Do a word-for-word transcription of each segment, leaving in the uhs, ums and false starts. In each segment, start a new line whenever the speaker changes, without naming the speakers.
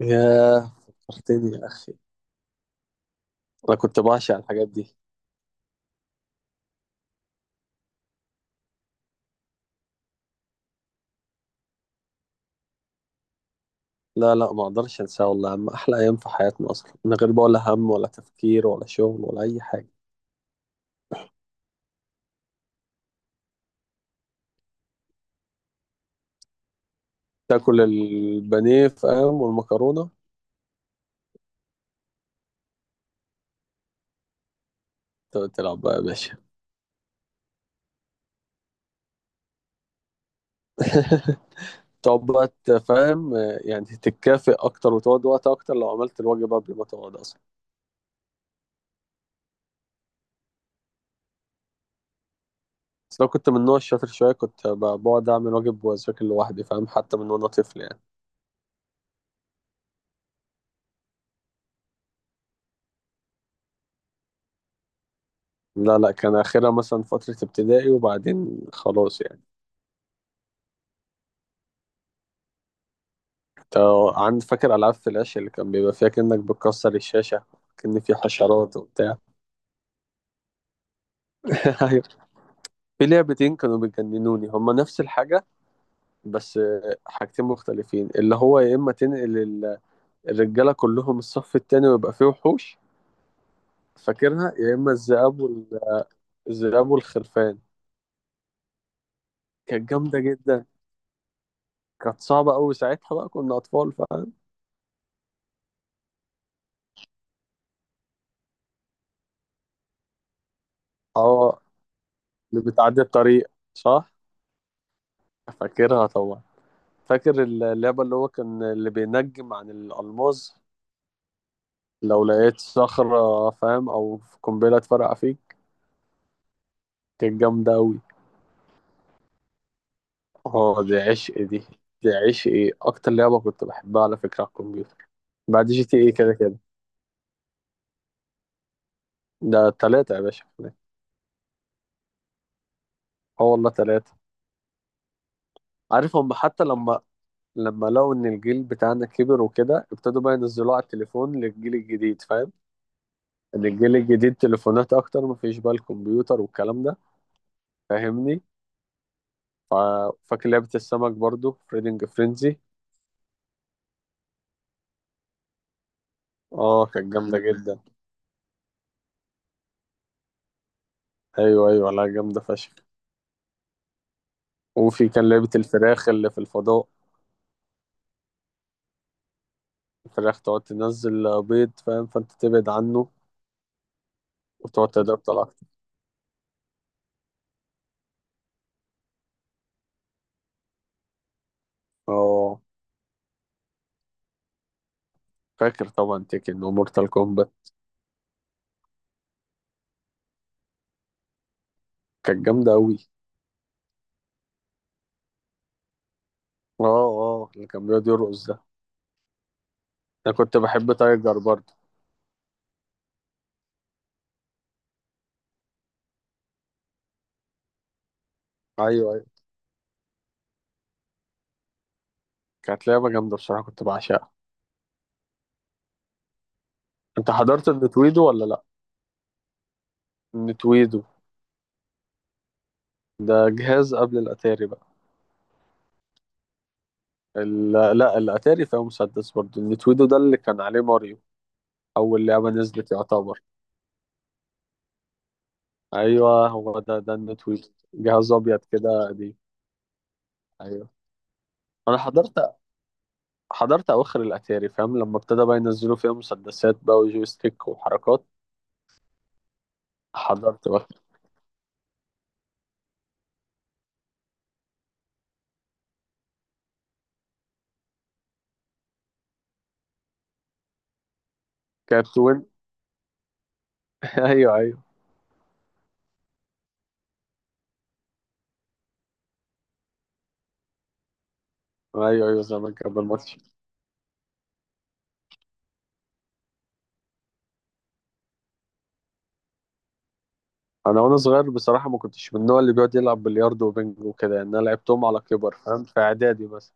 ياه، فكرتني يا أخي. أنا كنت بعشق الحاجات دي. لا، لا، ما أقدرش أنساها والله، عم أحلى أيام في حياتنا أصلا، من غير بقى ولا هم ولا تفكير ولا شغل ولا أي حاجة. تاكل البانيه فاهم، والمكرونة. تقعد تلعب بقى يا باشا. تقعد بقى فاهم، يعني تتكافئ أكتر وتقعد وقت أكتر لو عملت الواجب قبل ما تقعد أصلا. بس لو كنت من النوع الشاطر شوية كنت ب- بقعد أعمل واجب وأذاكر لوحدي فاهم، حتى من وأنا طفل يعني. لا، لا، كان آخرها مثلا فترة ابتدائي، وبعدين خلاص يعني. اه، عند فاكر ألعاب فلاش اللي كان بيبقى فيها كأنك بتكسر الشاشة، كأن في حشرات وبتاع. أيوة. في لعبتين كانوا بيجننوني، هما نفس الحاجة. بس آه، حاجتين مختلفين، اللي هو يا إما تنقل ال- الرجالة كلهم الصف التاني ويبقى فيه وحوش. فاكرها، يا إما الذئاب وال... الذئاب والخرفان. كانت جامدة جدا. كانت صعبة أوي ساعتها، بقى كنا أطفال فاهم. اه، اللي بتعدي الطريق، صح. فاكرها طبعا. فاكر اللعبة اللي هو كان اللي بينجم عن الألماظ؟ لو لقيت صخرة فاهم، أو قنبلة اتفرقع فيك. كانت جامدة أوي. اه، دي عشق. دي دي عشق، ايه أكتر لعبة كنت بحبها على فكرة على الكمبيوتر. بعد جي تي ايه كده كده، ده تلاتة يا باشا. اه والله تلاتة. عارف هم، حتى لما لما لقوا إن الجيل بتاعنا كبر وكده، ابتدوا بقى ينزلوه على التليفون للجيل الجديد فاهم. إن الجيل الجديد تليفونات أكتر، مفيش بقى الكمبيوتر والكلام ده، فاهمني؟ فا- فاكر لعبة السمك برضو، فريدنج فرينزي. اه كانت جامدة جدا، ايوه ايوه، لا جامدة فشخ. وفي كان لعبة الفراخ اللي في الفضاء. الفراخ تقعد تنزل بيض فاهم، فانت تبعد عنه وتقعد تضرب اكتر. اه فاكر طبعا، تيكن ومورتال كومبات، كانت جامدة اوي. اه اه، اللي كان بيقعد يرقص ده. انا كنت بحب تايجر برضو. ايوه ايوه. كانت لعبة جامدة بصراحة، كنت بعشقها. انت حضرت النتويدو ولا لا؟ النتويدو ده جهاز قبل الاتاري بقى. ال- لا، الاتاري فيها مسدس برضه، النتويدو ده اللي كان عليه ماريو، اول لعبه نزلت يعتبر. ايوه، هو ده، ده النتويدو. جهاز ابيض كده قديم. ايوه انا حضرت حضرت اواخر الاتاري فاهم، لما ابتدى بقى ينزلوا فيها مسدسات بقى وجويستيك وحركات، حضرت بقى. كانت وين. ايوه ايوه، ايوه ايوه زمان كان بالماتش. انا وانا صغير بصراحه، ما كنتش من النوع اللي بيقعد يلعب بلياردو وبنج وكده يعني، انا لعبتهم على كبر فاهم، في اعدادي بس.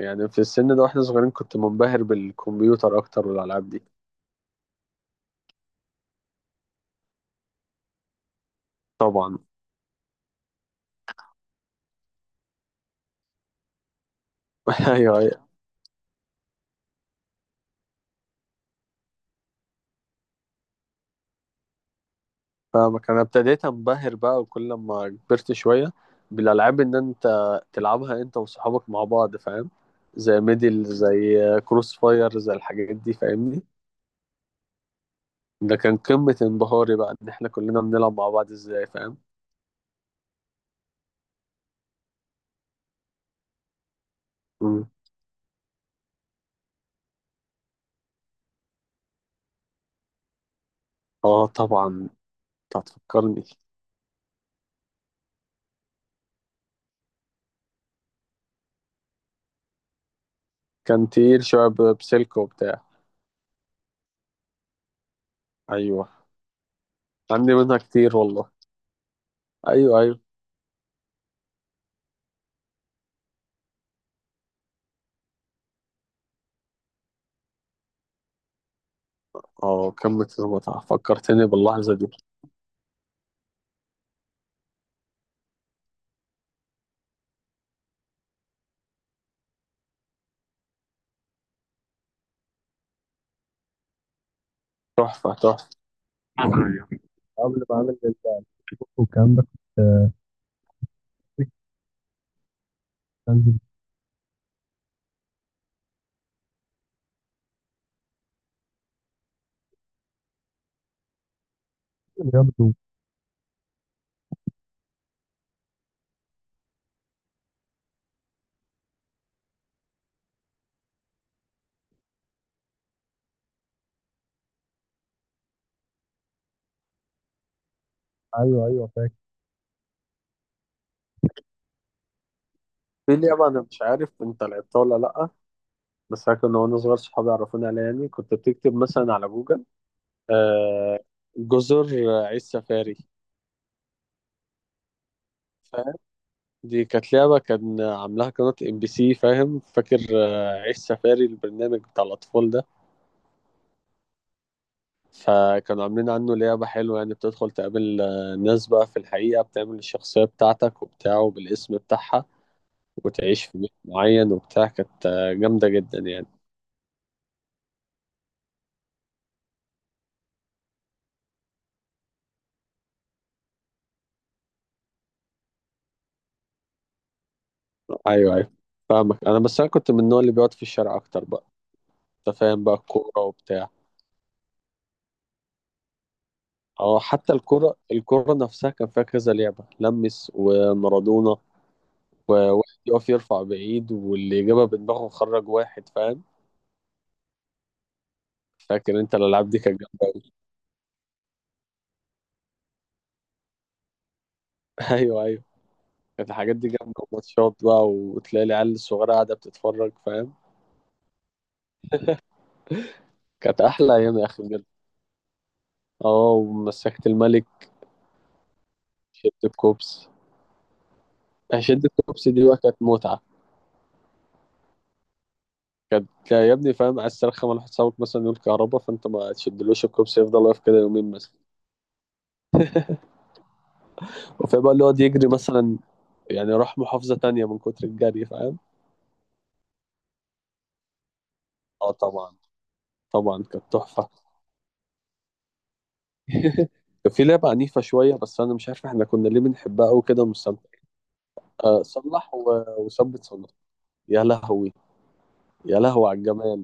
يعني في السن ده واحنا صغيرين كنت منبهر بالكمبيوتر اكتر والالعاب دي. طبعا. ايوه ايوه، فاهمك. انا ابتديت انبهر بقى وكل ما كبرت شويه بالالعاب، ان انت تلعبها انت وصحابك مع بعض فاهم، زي ميدل، زي كروس فاير، زي الحاجات دي، فاهمني. ده كان قمه انبهاري بقى، ان احنا كلنا بنلعب مع بعض ازاي فاهم. مم. اه طبعا، انت هتفكرني. كان تقيل شويه، ب- بسلك وبتاع. ايوه عندي منها كتير والله. ايوه ايوه. اه كمة المتعة، فكرتني باللحظة دي. تحفة تحفة. ايوه، قبل ما اعمل الجيم والكلام ده كنت كنت انزل رياضه و- ايوه ايوه، فاكر. في لعبة أنا مش عارف أنت لعبتها ولا لأ، بس أنا كنا وأنا صغير صحابي عرفوني عليها يعني، كنت بتكتب مثلا على جوجل آه جزر عيش سفاري فاهم. دي كانت لعبة كان عاملاها قناة ام بي سي فاهم. فاكر آه، عيش سفاري البرنامج بتاع الأطفال ده؟ فكانوا عاملين عنه لعبة حلوة يعني، بتدخل تقابل آه، ناس بقى في الحقيقة بتعمل الشخصية بتاعتك وبتاعه بالاسم بتاعها، وتعيش في بيت معين وبتاع، كانت آه، جامدة جدا يعني. أيوه أيوه فاهمك، أنا بس أنا كنت من النوع اللي بيقعد في الشارع أكتر بقى. أنت فاهم بقى، الكورة وبتاع. أه، حتى الكورة. الكورة نفسها كان فيها كذا لعبة لمس ومارادونا، وواحد يقف يرفع بعيد، واللي جابها بدماغه خرج واحد فاهم. فاكر أنت الألعاب دي، كانت جامدة أوي. أيوه أيوه. كانت الحاجات دي جامدة وماتشات بقى، وتلاقي العيال الصغيرة قاعدة بتتفرج فاهم. كانت أحلى أيام يا أخي بجد. اه، ومسكت الملك، شدة كوبس. شدة كوبس دي بقى كانت متعة. كانت يا ابني فاهم، عايز ترخم على حسابك مثلا، يقول كهربا فأنت ما تشدلوش الكوبس، يفضل واقف كده يومين مثلا. وفي بقى اللي يقعد يجري مثلا، يعني راح محافظة تانية من كتر الجري فاهم. اه طبعا، طبعا كانت تحفة. كان في لعبة عنيفة شوية، بس أنا مش عارف احنا كنا ليه بنحبها أوي كده ومستمتعين. أه، صلح و... وثبت صنع. يا لهوي، يا لهوي على الجمال.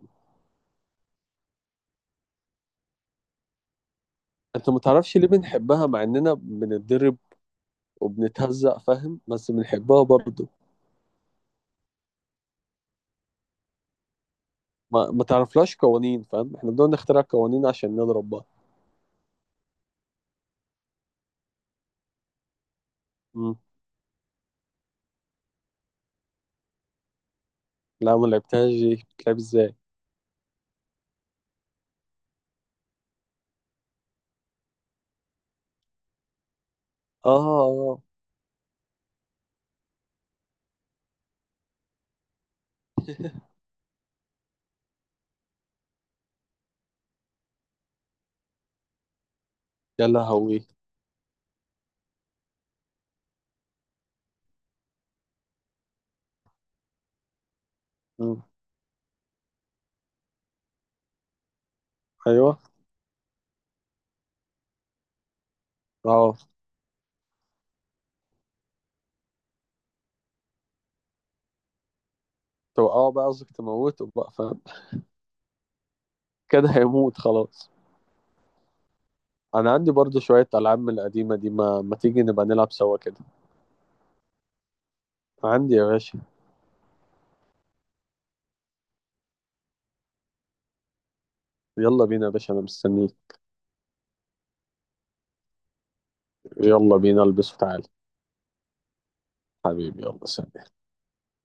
انت ما تعرفش ليه بنحبها، مع اننا بنتدرب وبنتهزق فاهم، بس بنحبها برضه. ما, ما تعرفلاش قوانين فاهم، احنا بدنا نخترع قوانين عشان نضرب بقى. مم. لا، ما لعبتهاش دي، بتلعب ازاي؟ اه اه آه. يا لهوي. مم. ايوه اه. توقعه بقى قصدك، تموته بقى فاهم. كده هيموت خلاص. انا عندي برضه شويه العاب من القديمه دي، ما, ما تيجي نبقى نلعب سوا كده؟ عندي يا باشا. يلا بينا يا باشا، انا مستنيك. يلا بينا، البس وتعالى. حبيبي، يلا سلام.